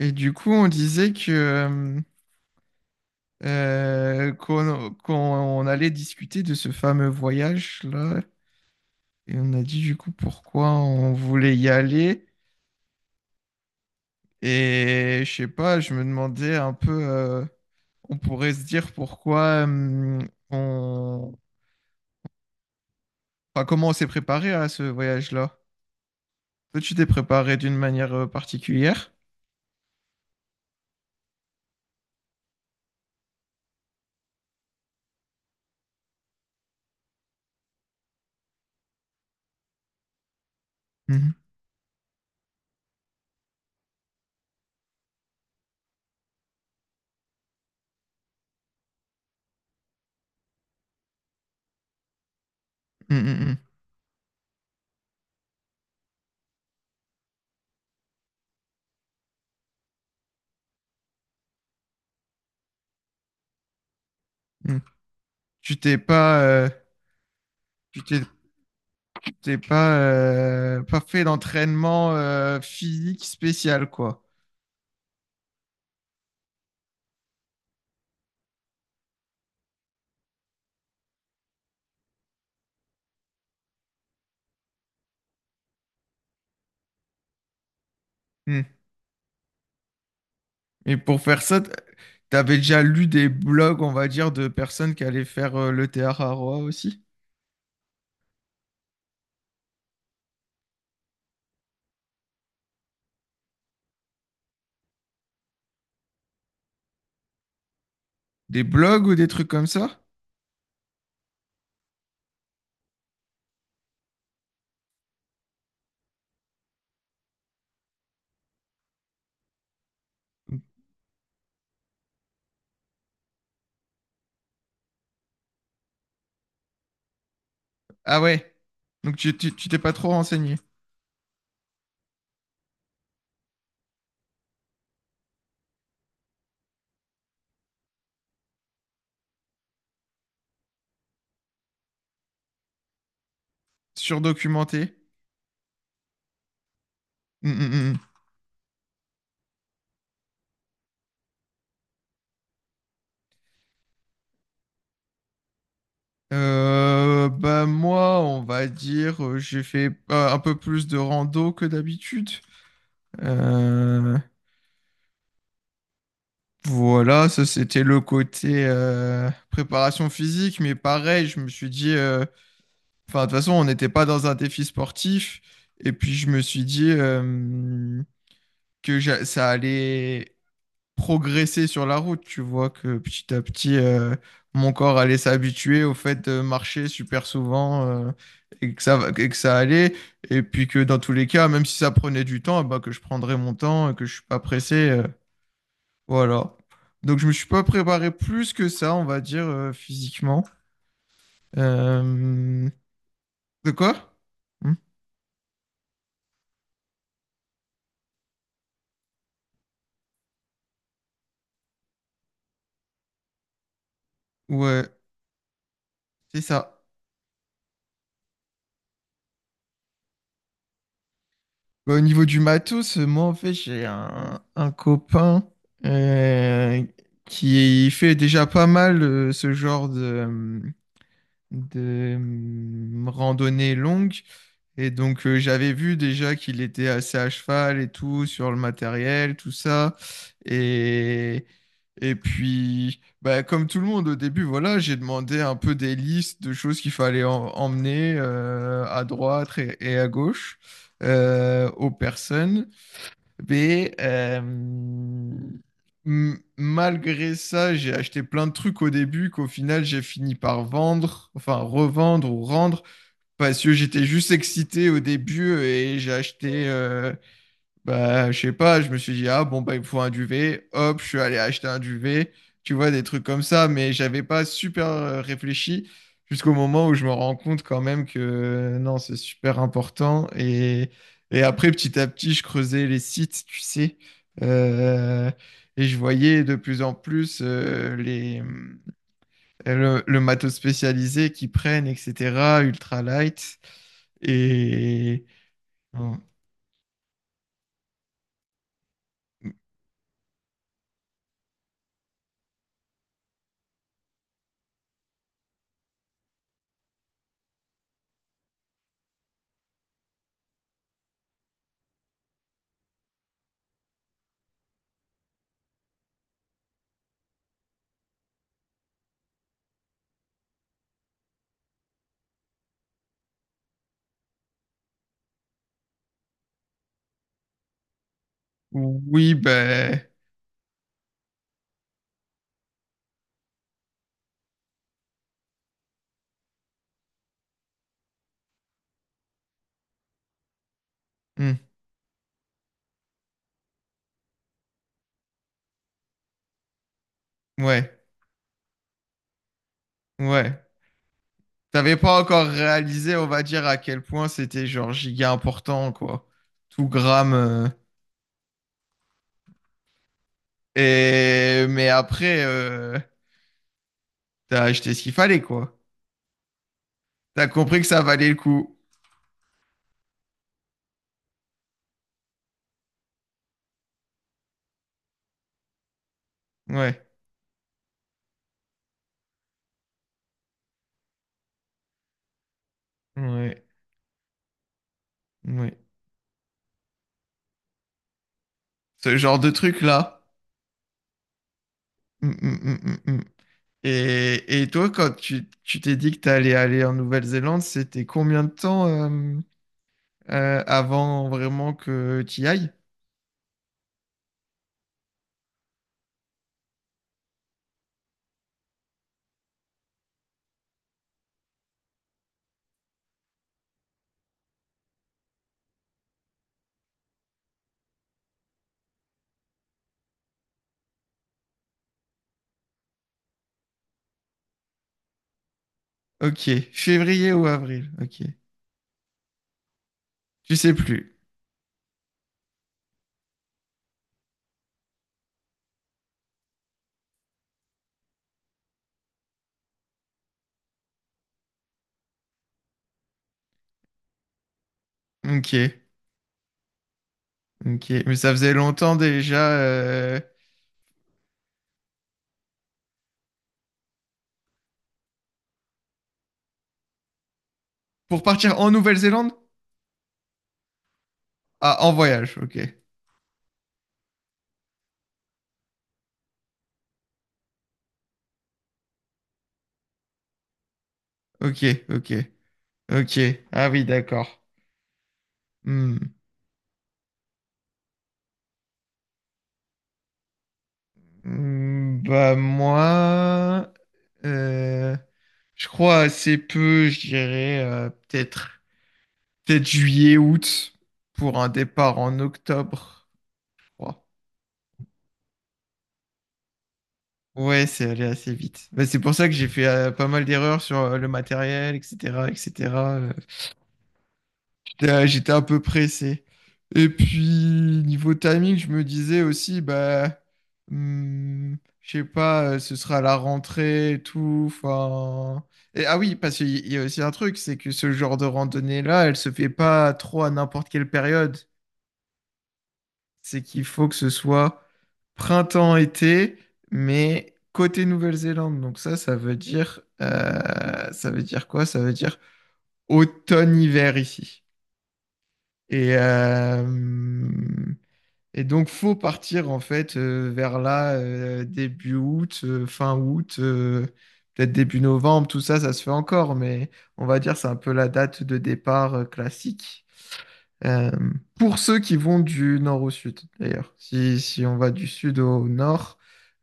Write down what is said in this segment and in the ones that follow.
Et du coup, on disait que qu'on allait discuter de ce fameux voyage-là. Et on a dit du coup pourquoi on voulait y aller. Et je sais pas, je me demandais un peu, on pourrait se dire pourquoi on... Enfin, comment on s'est préparé à ce voyage-là. Toi, tu t'es préparé d'une manière particulière? Mhm. Mm, mm, mm, mm. Tu t'es pas, tu t'es pas, pas fait d'entraînement physique spécial, quoi. Mm. Et pour faire ça, t'avais déjà lu des blogs, on va dire, de personnes qui allaient faire le théâtre à Roa aussi? Des blogs ou des trucs comme ça? Ah ouais. Donc tu t'es pas trop renseigné, surdocumenté. Hum, hum. Bah moi, on va dire, j'ai fait un peu plus de rando que d'habitude. Euh, voilà, ça c'était le côté préparation physique, mais pareil, je me suis dit, enfin de toute façon, on n'était pas dans un défi sportif, et puis je me suis dit ça allait progresser sur la route. Tu vois que petit à petit, mon corps allait s'habituer au fait de marcher super souvent et et que ça allait. Et puis que dans tous les cas, même si ça prenait du temps, bah, que je prendrais mon temps et que je suis pas pressé. Voilà. Donc je me suis pas préparé plus que ça, on va dire, physiquement. Euh. De quoi? Hmm. Ouais, c'est ça. Bah, au niveau du matos, moi en fait j'ai un copain euh, qui fait déjà pas mal ce genre euh, de randonnée longue. Et donc, j'avais vu déjà qu'il était assez à cheval et tout, sur le matériel, tout ça. Et, et puis, bah, comme tout le monde au début, voilà, j'ai demandé un peu des listes de choses qu'il fallait emmener à droite et à gauche aux personnes. Mais malgré ça, j'ai acheté plein de trucs au début qu'au final j'ai fini par vendre, enfin revendre ou rendre, parce que j'étais juste excité au début et j'ai acheté bah, je sais pas, je me suis dit, ah bon, bah, il me faut un duvet. Hop, je suis allé acheter un duvet. Tu vois, des trucs comme ça, mais j'avais pas super réfléchi jusqu'au moment où je me rends compte quand même que non, c'est super important. Et après, petit à petit, je creusais les sites, tu sais, euh, et je voyais de plus en plus les, le matos spécialisé qu'ils prennent, etc., ultralight. Et bon, oui, ben. Hmm. Ouais, ouais. T'avais pas encore réalisé, on va dire, à quel point c'était genre giga important, quoi. Tout gramme. Euh. Et mais après, t'as acheté ce qu'il fallait, quoi. T'as compris que ça valait le coup. Ouais, ouais, ouais. Ce genre de truc-là. Mm, mm, mm, mm, mm. Et toi, quand tu t'es dit que t'allais aller en Nouvelle-Zélande, c'était combien de temps avant vraiment que t'y ailles? Ok, février ou avril? Ok, tu sais plus. Ok, ok. Mais ça faisait longtemps déjà. Euh. Pour partir en Nouvelle-Zélande? Ah, en voyage. Ok, ok, ok, ok. Ah oui, d'accord. Hmm. Hmm. Bah moi, euh, je crois assez peu. Je dirais peut-être, peut-être juillet, août pour un départ en octobre. Je crois. Ouais, c'est allé assez vite. Bah, c'est pour ça que j'ai fait pas mal d'erreurs sur le matériel, etc., etc. J'étais un peu pressé. Et puis, niveau timing, je me disais aussi, bah, hmm, je sais pas, ce sera à la rentrée et tout. Enfin. Et, ah oui, parce qu'il y a aussi un truc, c'est que ce genre de randonnée-là, elle se fait pas trop à n'importe quelle période. C'est qu'il faut que ce soit printemps-été, mais côté Nouvelle-Zélande. Donc ça, ça veut dire quoi? Ça veut dire automne-hiver ici. Et, euh, et donc, faut partir en fait vers là, début août, fin août, peut-être début novembre, tout ça, ça se fait encore, mais on va dire c'est un peu la date de départ classique. Euh, pour ceux qui vont du nord au sud, d'ailleurs. Si, si on va du sud au nord,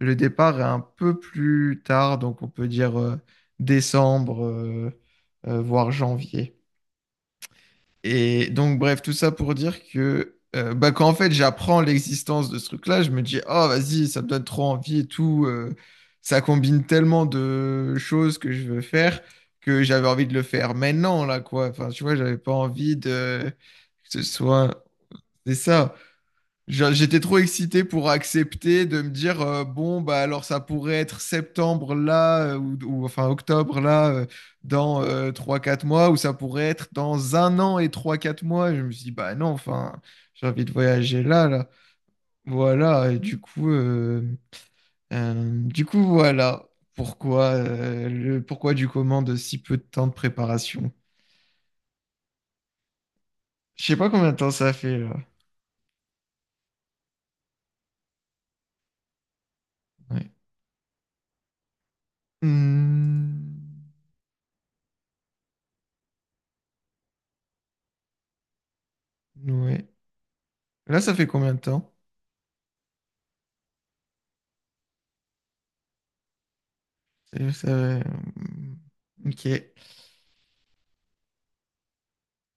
le départ est un peu plus tard, donc on peut dire décembre, voire janvier. Et donc, bref, tout ça pour dire que bah, quand en fait j'apprends l'existence de ce truc-là, je me dis, oh vas-y, ça me donne trop envie et tout. Ça combine tellement de choses que je veux faire que j'avais envie de le faire maintenant, là, quoi. Enfin, tu vois, j'avais pas envie de que ce soit. C'est ça. J'étais trop excité pour accepter de me dire bon bah alors ça pourrait être septembre là ou, enfin octobre là dans trois quatre mois ou ça pourrait être dans un an et trois quatre mois. Et je me suis dit bah non enfin j'ai envie de voyager là là. Voilà et du coup voilà pourquoi le pourquoi du comment de si peu de temps de préparation. Je sais pas combien de temps ça fait là. Ouais. Hmm, ouais. Là ça fait combien de temps? C'est juste, euh. Ok.